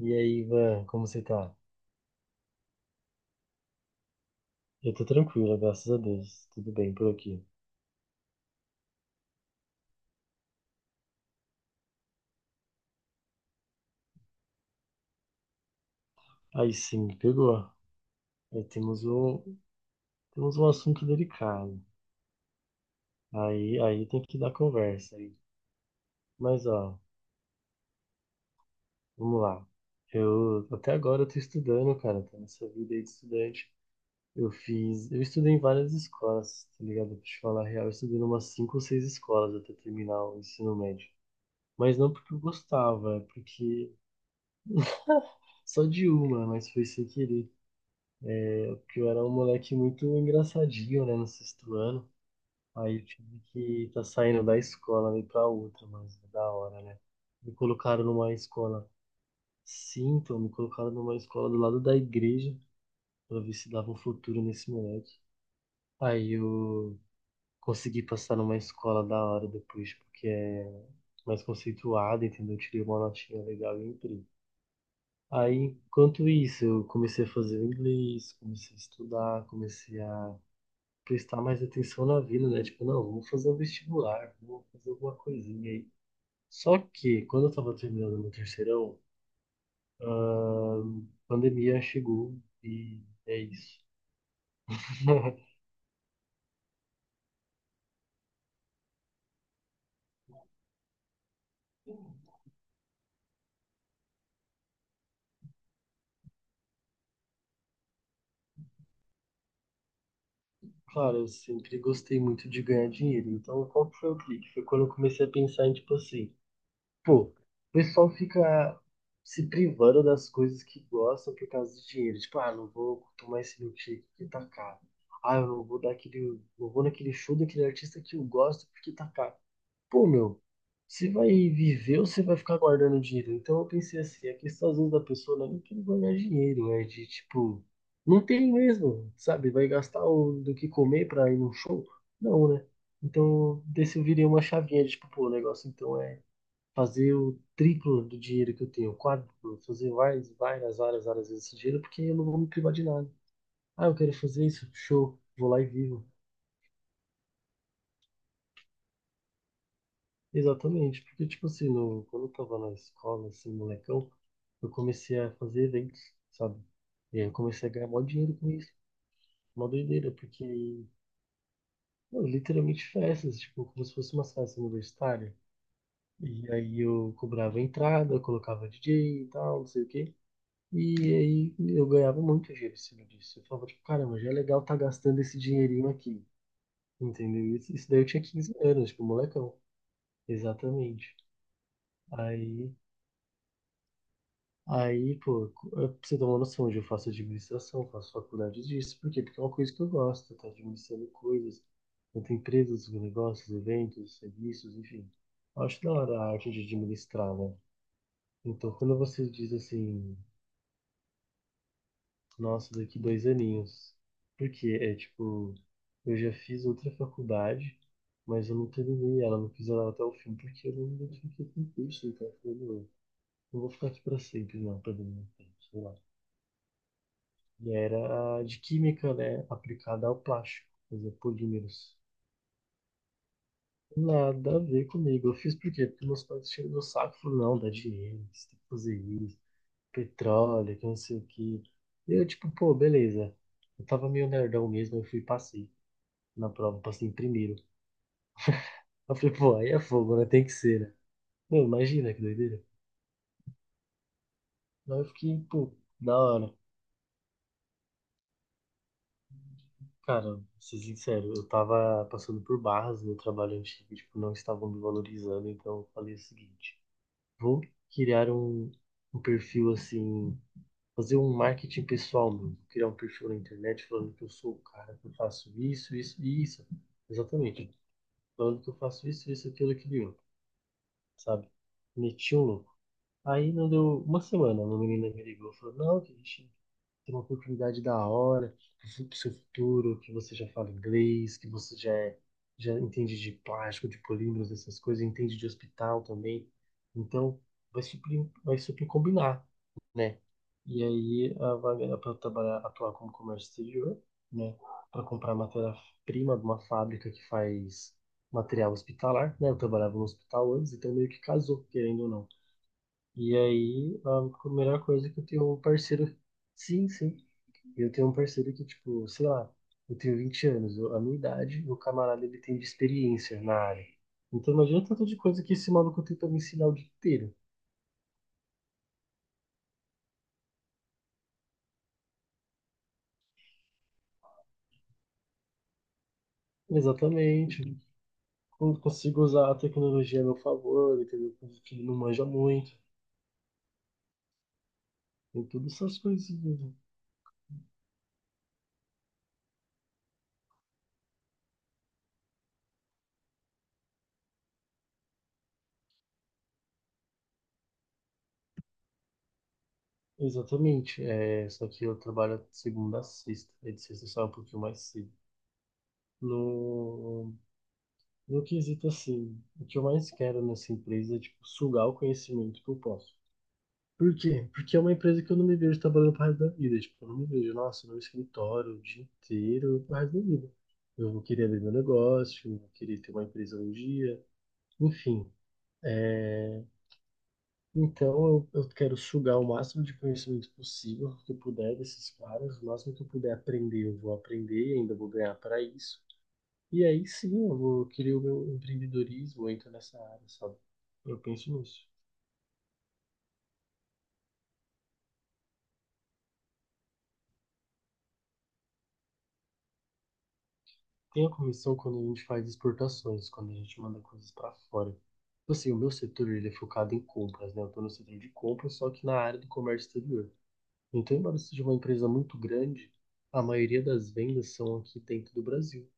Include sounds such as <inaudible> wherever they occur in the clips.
E aí, Ivan, como você tá? Eu tô tranquilo, graças a Deus. Tudo bem por aqui. Aí sim, me pegou. Aí temos um, temos um assunto delicado. Aí tem que dar conversa aí. Mas ó, vamos lá. Eu até agora eu tô estudando, cara, tô nessa vida aí de estudante. Eu estudei em várias escolas, tá ligado? Pra te falar a real, eu estudei em umas cinco ou seis escolas até terminar o ensino médio. Mas não porque eu gostava, é porque só de uma, mas foi sem querer. Porque eu era um moleque muito engraçadinho, né, no sexto ano. Aí eu tive que estar saindo da escola e ir pra outra, mas é da hora, né? Me colocaram numa escola, Sim, então me colocaram numa escola do lado da igreja pra ver se dava um futuro nesse moleque. Aí eu consegui passar numa escola da hora depois, porque é mais conceituada, entendeu? Eu tirei uma notinha legal e entrei. Aí, Enquanto isso, eu comecei a fazer o inglês, comecei a estudar, comecei a prestar mais atenção na vida, né? Tipo, não, vou fazer um vestibular, vou fazer alguma coisinha aí. Só que quando eu tava terminando meu terceirão, a pandemia chegou e é isso. <laughs> Claro, eu sempre gostei muito de ganhar dinheiro. Então, qual que foi o clique? Foi quando eu comecei a pensar em, tipo assim, pô, o pessoal fica se privando das coisas que gostam por causa do dinheiro. Tipo, ah, não vou tomar esse milkshake porque tá caro. Ah, eu não vou dar aquele, não vou naquele show daquele artista que eu gosto porque tá caro. Pô, meu, você vai viver ou você vai ficar guardando dinheiro? Então eu pensei assim, a questão às vezes da pessoa, né, não é nem querer guardar dinheiro, é de tipo, não tem mesmo, sabe? Do que comer pra ir num show? Não, né? Então desse eu virei uma chavinha de tipo, pô, o negócio então é fazer o triplo do dinheiro que eu tenho, o quádruplo, fazer várias vezes esse dinheiro, porque eu não vou me privar de nada. Ah, eu quero fazer isso, show, vou lá e vivo. Exatamente, porque tipo assim, no, quando eu tava na escola, assim, molecão, eu comecei a fazer eventos, sabe? E aí eu comecei a ganhar mó dinheiro com isso. Mó doideira, porque, mano, literalmente festas, tipo, como se fosse uma festa universitária. E aí eu cobrava entrada, eu colocava DJ e tal, não sei o quê. E aí eu ganhava muito dinheiro em cima disso. Eu falava, tipo, caramba, já é legal tá gastando esse dinheirinho aqui. Entendeu? Isso daí eu tinha 15 anos, tipo, molecão. Exatamente. Aí Aí, pô, eu- Pra você ter uma noção, de eu faço administração, faço faculdade disso. Por quê? Porque é uma coisa que eu gosto, tá administrando coisas, tanto empresas, negócios, eventos, serviços, enfim. Eu acho da hora a arte de administrar, né? Então, quando você diz assim, nossa, daqui dois aninhos, porque é tipo, eu já fiz outra faculdade, mas eu não terminei ela, não fiz ela até o fim, porque eu não identifiquei com o curso, então eu falei, não, não vou ficar aqui pra sempre, não, perdendo meu tempo, sei lá. E era a de química, né? Aplicada ao plástico, fazer polímeros. Nada a ver comigo. Eu fiz por quê? Porque meus pais tinham no saco e falaram, não, dá dinheiro, você tem que fazer isso, petróleo, que não sei o quê. E eu, tipo, pô, beleza. Eu tava meio nerdão mesmo, eu fui e passei na prova, passei em primeiro. Eu falei, pô, aí é fogo, né? Tem que ser, né? Meu, imagina que doideira. Aí eu fiquei, pô, da hora. Cara, vou ser sincero, eu tava passando por barras no trabalho antigo, tipo, não estavam me valorizando, então eu falei o seguinte. Vou criar um, um perfil assim, fazer um marketing pessoal meu. Criar um perfil na internet falando que eu sou o cara que eu faço isso, isso e isso. Exatamente. Falando que eu faço isso, isso, aquilo, aquilo, e outro, sabe? Meti um louco. Aí não deu uma semana, uma menina me ligou e falou, não, que a gente ter uma oportunidade da hora para o seu futuro, que você já fala inglês, que já entende de plástico, de polímeros, essas coisas, entende de hospital também. Então, vai super combinar, né? E aí, a vaga é para trabalhar, atuar como comércio exterior, né? Para comprar matéria-prima de uma fábrica que faz material hospitalar, né? Eu trabalhava no hospital antes, então meio que casou, querendo ou não. E aí, a melhor coisa é que eu tenho um parceiro. Sim, sim. E eu tenho um parceiro que, tipo, sei lá, eu tenho 20 anos, eu- a minha idade, e o camarada ele tem de experiência na área. Então imagina o tanto de coisa que esse maluco tem pra me ensinar o dia inteiro. Exatamente. Eu consigo usar a tecnologia a meu favor, entendeu? Coisa que ele não manja muito. Tem todas essas coisinhas, né? Exatamente. É, só que eu trabalho segunda a sexta. É, de sexta sai um pouquinho mais cedo. No, no quesito assim, o que eu mais quero nessa empresa é tipo, sugar o conhecimento que eu posso. Por quê? Porque é uma empresa que eu não me vejo trabalhando pro resto da vida. Tipo, eu não me vejo, nossa, no escritório o dia inteiro pro resto da vida. Eu vou querer abrir meu negócio, eu vou querer ter uma empresa um dia, enfim. É... Então eu quero sugar o máximo de conhecimento possível que eu puder desses caras, o máximo que eu puder aprender, eu vou aprender e ainda vou ganhar para isso. E aí sim, eu vou querer o meu empreendedorismo, eu entro nessa área, sabe? Eu penso nisso. Tem a comissão quando a gente faz exportações, quando a gente manda coisas para fora. Tipo assim, o meu setor ele é focado em compras, né? Eu tô no setor de compras, só que na área do comércio exterior. Então, embora seja uma empresa muito grande, a maioria das vendas são aqui dentro do Brasil,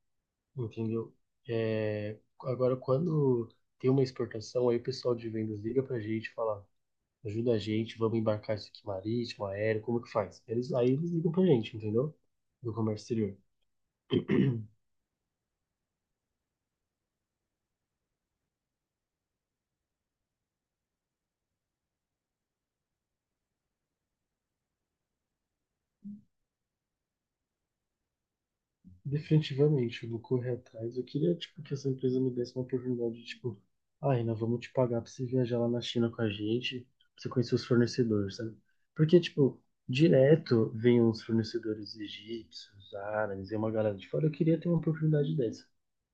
entendeu? É... Agora, quando tem uma exportação, aí o pessoal de vendas liga pra gente e fala, ajuda a gente, vamos embarcar isso aqui marítimo, aéreo, como que faz? Aí eles ligam pra gente, entendeu? Do comércio exterior. Definitivamente, eu vou correr atrás. Eu queria, tipo, que essa empresa me desse uma oportunidade de, tipo, ah, nós vamos te pagar pra você viajar lá na China com a gente, pra você conhecer os fornecedores, sabe? Porque, tipo, direto vem uns fornecedores egípcios, árabes e uma galera de fora. Eu queria ter uma oportunidade dessa,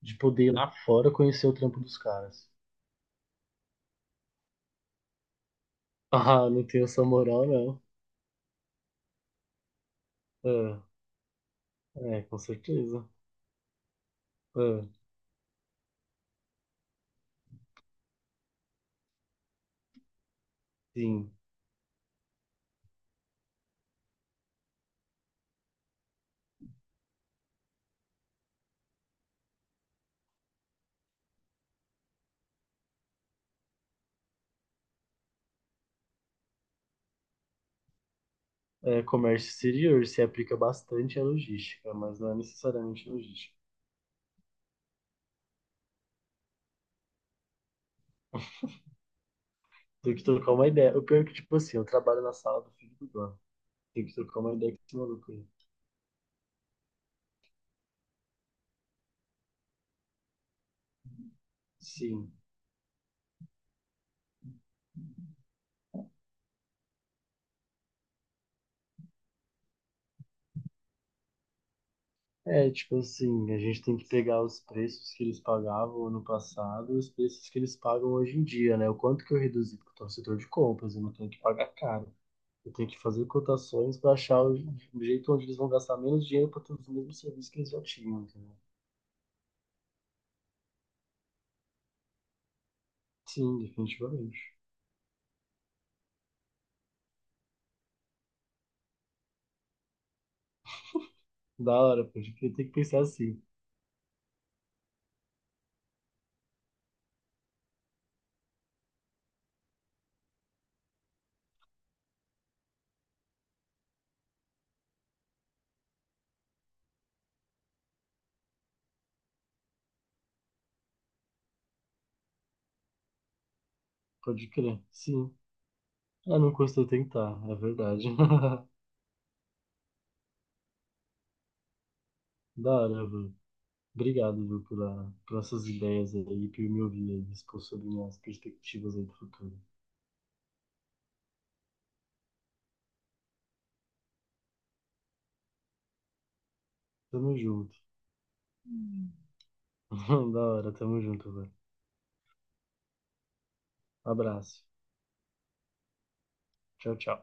de poder ir lá fora conhecer o trampo dos caras. <laughs> Ah, não tenho essa moral, não. Ah, é, com certeza. Ah, sim. É, comércio exterior se aplica bastante à logística, mas não é necessariamente logística. Tem que trocar uma ideia. O pior é que, tipo assim, eu trabalho na sala do filho do dono. Tem que trocar uma ideia com esse maluco aí. Sim. É, tipo assim, a gente tem que pegar os preços que eles pagavam ano passado e os preços que eles pagam hoje em dia, né? O quanto que eu reduzi, porque eu tô no setor de compras, eu não tenho que pagar caro. Eu tenho que fazer cotações para achar o jeito onde eles vão gastar menos dinheiro para ter os mesmos serviços que eles já tinham, entendeu? Sim, definitivamente. Da hora, pode crer. Tem que pensar assim. Pode crer. Sim. Ah, não custa tentar, é verdade. <laughs> Da hora, viu? Obrigado, viu, por essas ideias aí, por me ouvir aí, expor sobre minhas perspectivas aí do futuro. Tamo junto. <laughs> Da hora, tamo junto, velho. Abraço. Tchau, tchau.